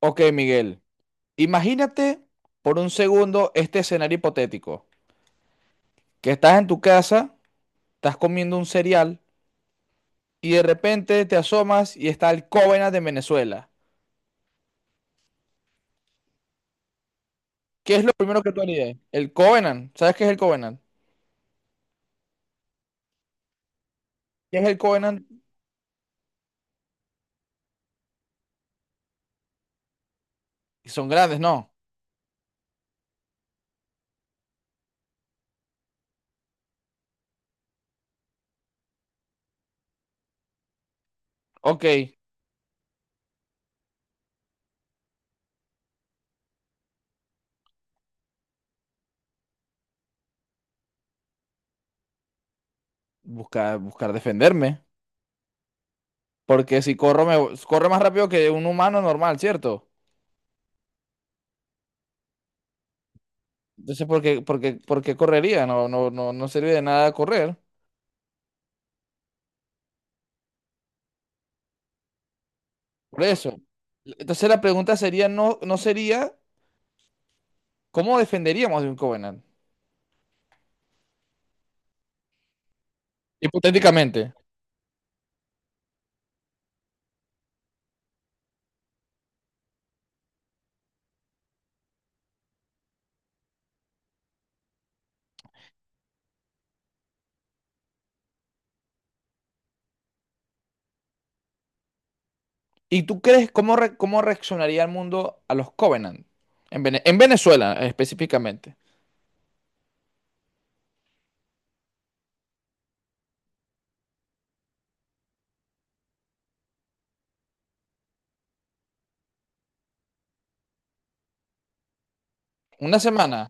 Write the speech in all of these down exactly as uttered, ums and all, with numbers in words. Ok, Miguel, imagínate por un segundo este escenario hipotético, que estás en tu casa, estás comiendo un cereal y de repente te asomas y está el Covenant de Venezuela. ¿Qué es lo primero que tú harías? El Covenant, ¿sabes qué es el Covenant? ¿Qué es el Covenant? Son grandes, ¿no? Ok, buscar, buscar defenderme, porque si corro, me, corre más rápido que un humano normal, ¿cierto? Entonces, ¿por qué, por qué- por qué correría? No, no, no, no sirve de nada correr. Por eso. Entonces la pregunta sería, no, no sería, ¿cómo defenderíamos de un Covenant? Hipotéticamente. ¿Y tú crees cómo, re- cómo reaccionaría el mundo a los Covenant? En, Vene- en Venezuela, eh, específicamente. Una semana.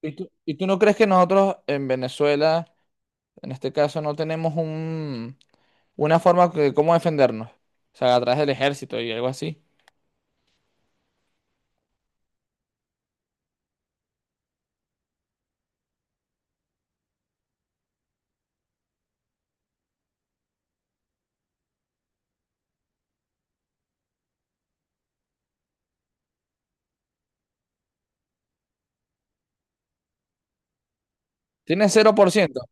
¿Y tú, y tú no crees que nosotros en Venezuela, en este caso, no tenemos un, una forma de cómo defendernos? O sea, a través del ejército y algo así. Tiene cero por ciento.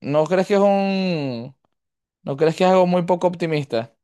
¿No crees que es un... ¿No crees que es algo muy poco optimista?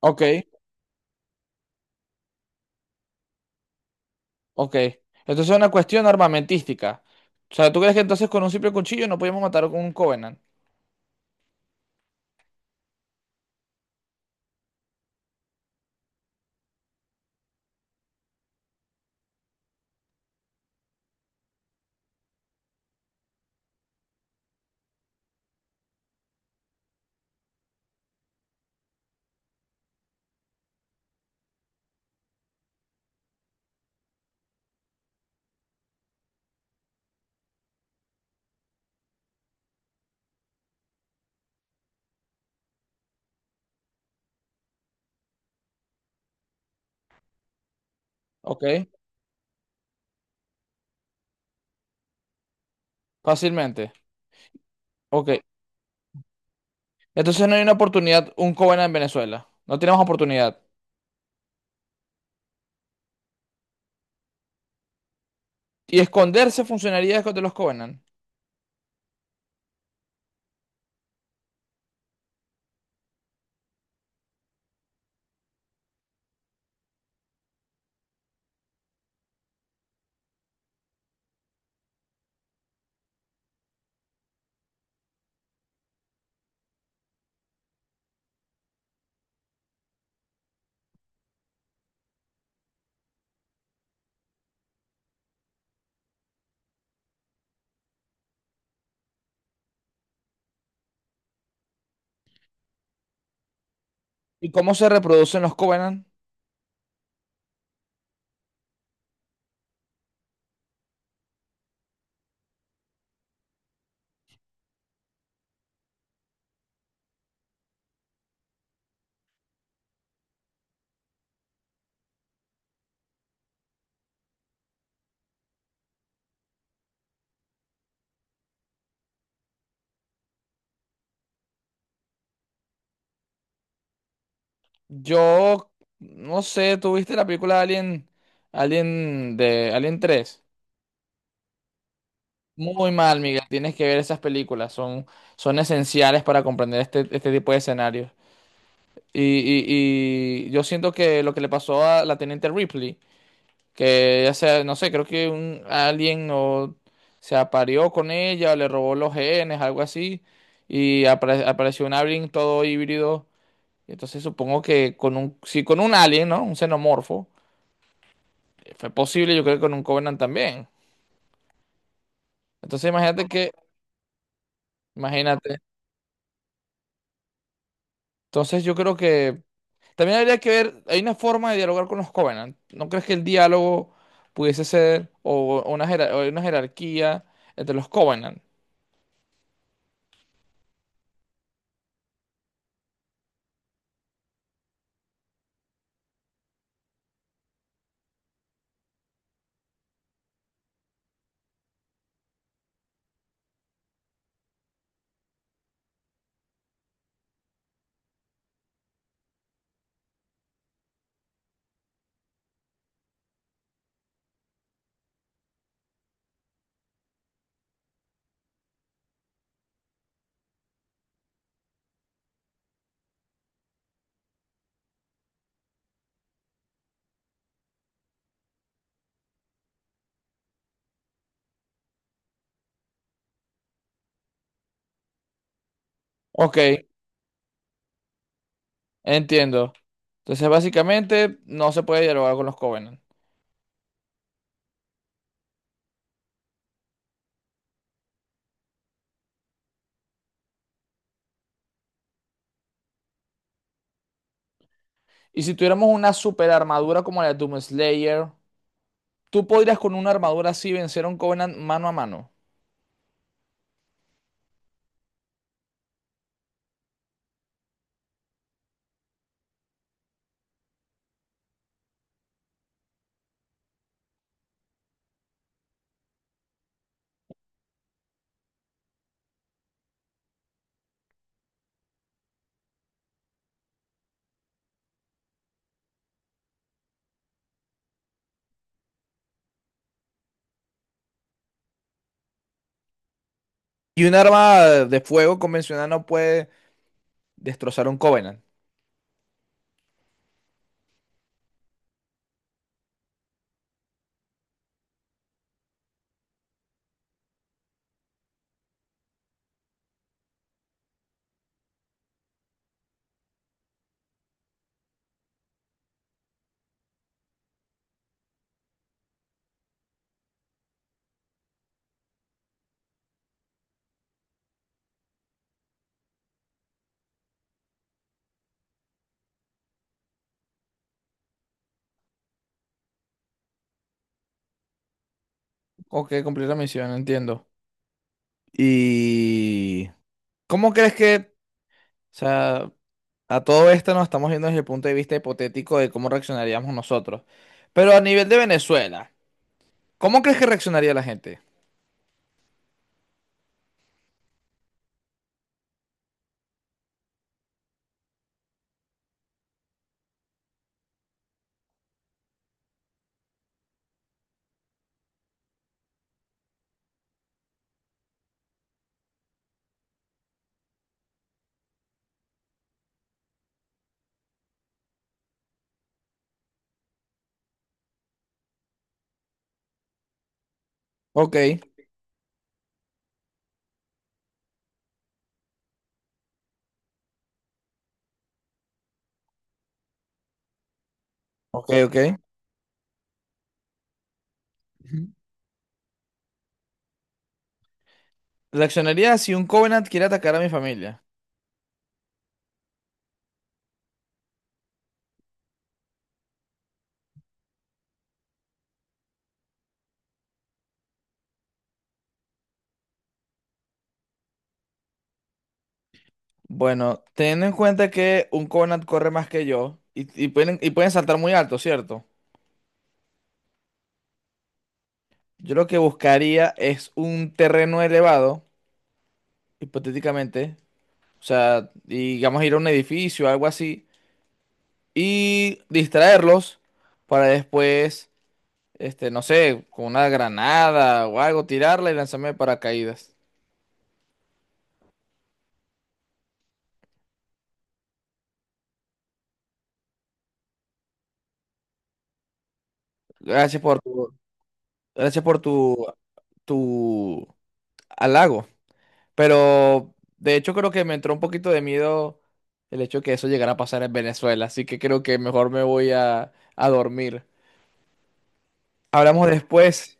Ok. Ok. Entonces es una cuestión armamentística. O sea, ¿tú crees que entonces con un simple cuchillo no podíamos matar a un Covenant? Ok. Fácilmente. Ok. Entonces no hay una oportunidad, un Covenant en Venezuela. No tenemos oportunidad. Y esconderse funcionaría de los Covenant. ¿Y cómo se reproducen los Covenant? Yo no sé, ¿tú viste la película de Alien, Alien de Alien tres? Muy mal, Miguel. Tienes que ver esas películas. Son, son esenciales para comprender este, este tipo de escenarios. Y, y- y yo siento que lo que le pasó a la teniente Ripley, que ya sea, no sé, creo que un alien o se apareó con ella, o le robó los genes, algo así, y apare- apareció un alien todo híbrido. Entonces supongo que con un, si con un alien, ¿no? Un xenomorfo, eh, fue posible, yo creo que con un Covenant también. Entonces imagínate que, imagínate. Entonces yo creo que también habría que ver, hay una forma de dialogar con los Covenant. ¿No crees que el diálogo pudiese ser o una, jerar- o una jerarquía entre los Covenant? Ok, entiendo. Entonces, básicamente, no se puede dialogar con los Covenant. Y si tuviéramos una super armadura como la de Doom Slayer, ¿tú podrías con una armadura así vencer a un Covenant mano a mano? Y un arma de fuego convencional no puede destrozar a un Covenant. Ok, cumplir la misión, entiendo. ¿Y cómo crees que, o sea, a todo esto nos estamos viendo desde el punto de vista hipotético de cómo reaccionaríamos nosotros? Pero a nivel de Venezuela, ¿cómo crees que reaccionaría la gente? Ok, ok, ok. Ujú. Reaccionaría si un Covenant quiere atacar a mi familia. Bueno, teniendo en cuenta que un Covenant corre más que yo y, y pueden, y pueden saltar muy alto, ¿cierto? Yo lo que buscaría es un terreno elevado, hipotéticamente. O sea, digamos ir a un edificio, algo así, y distraerlos para después este, no sé, con una granada o algo, tirarla y lanzarme de paracaídas. Gracias por tu, gracias por tu, tu halago. Pero de hecho creo que me entró un poquito de miedo el hecho de que eso llegara a pasar en Venezuela, así que creo que mejor me voy a, a dormir. Hablamos después.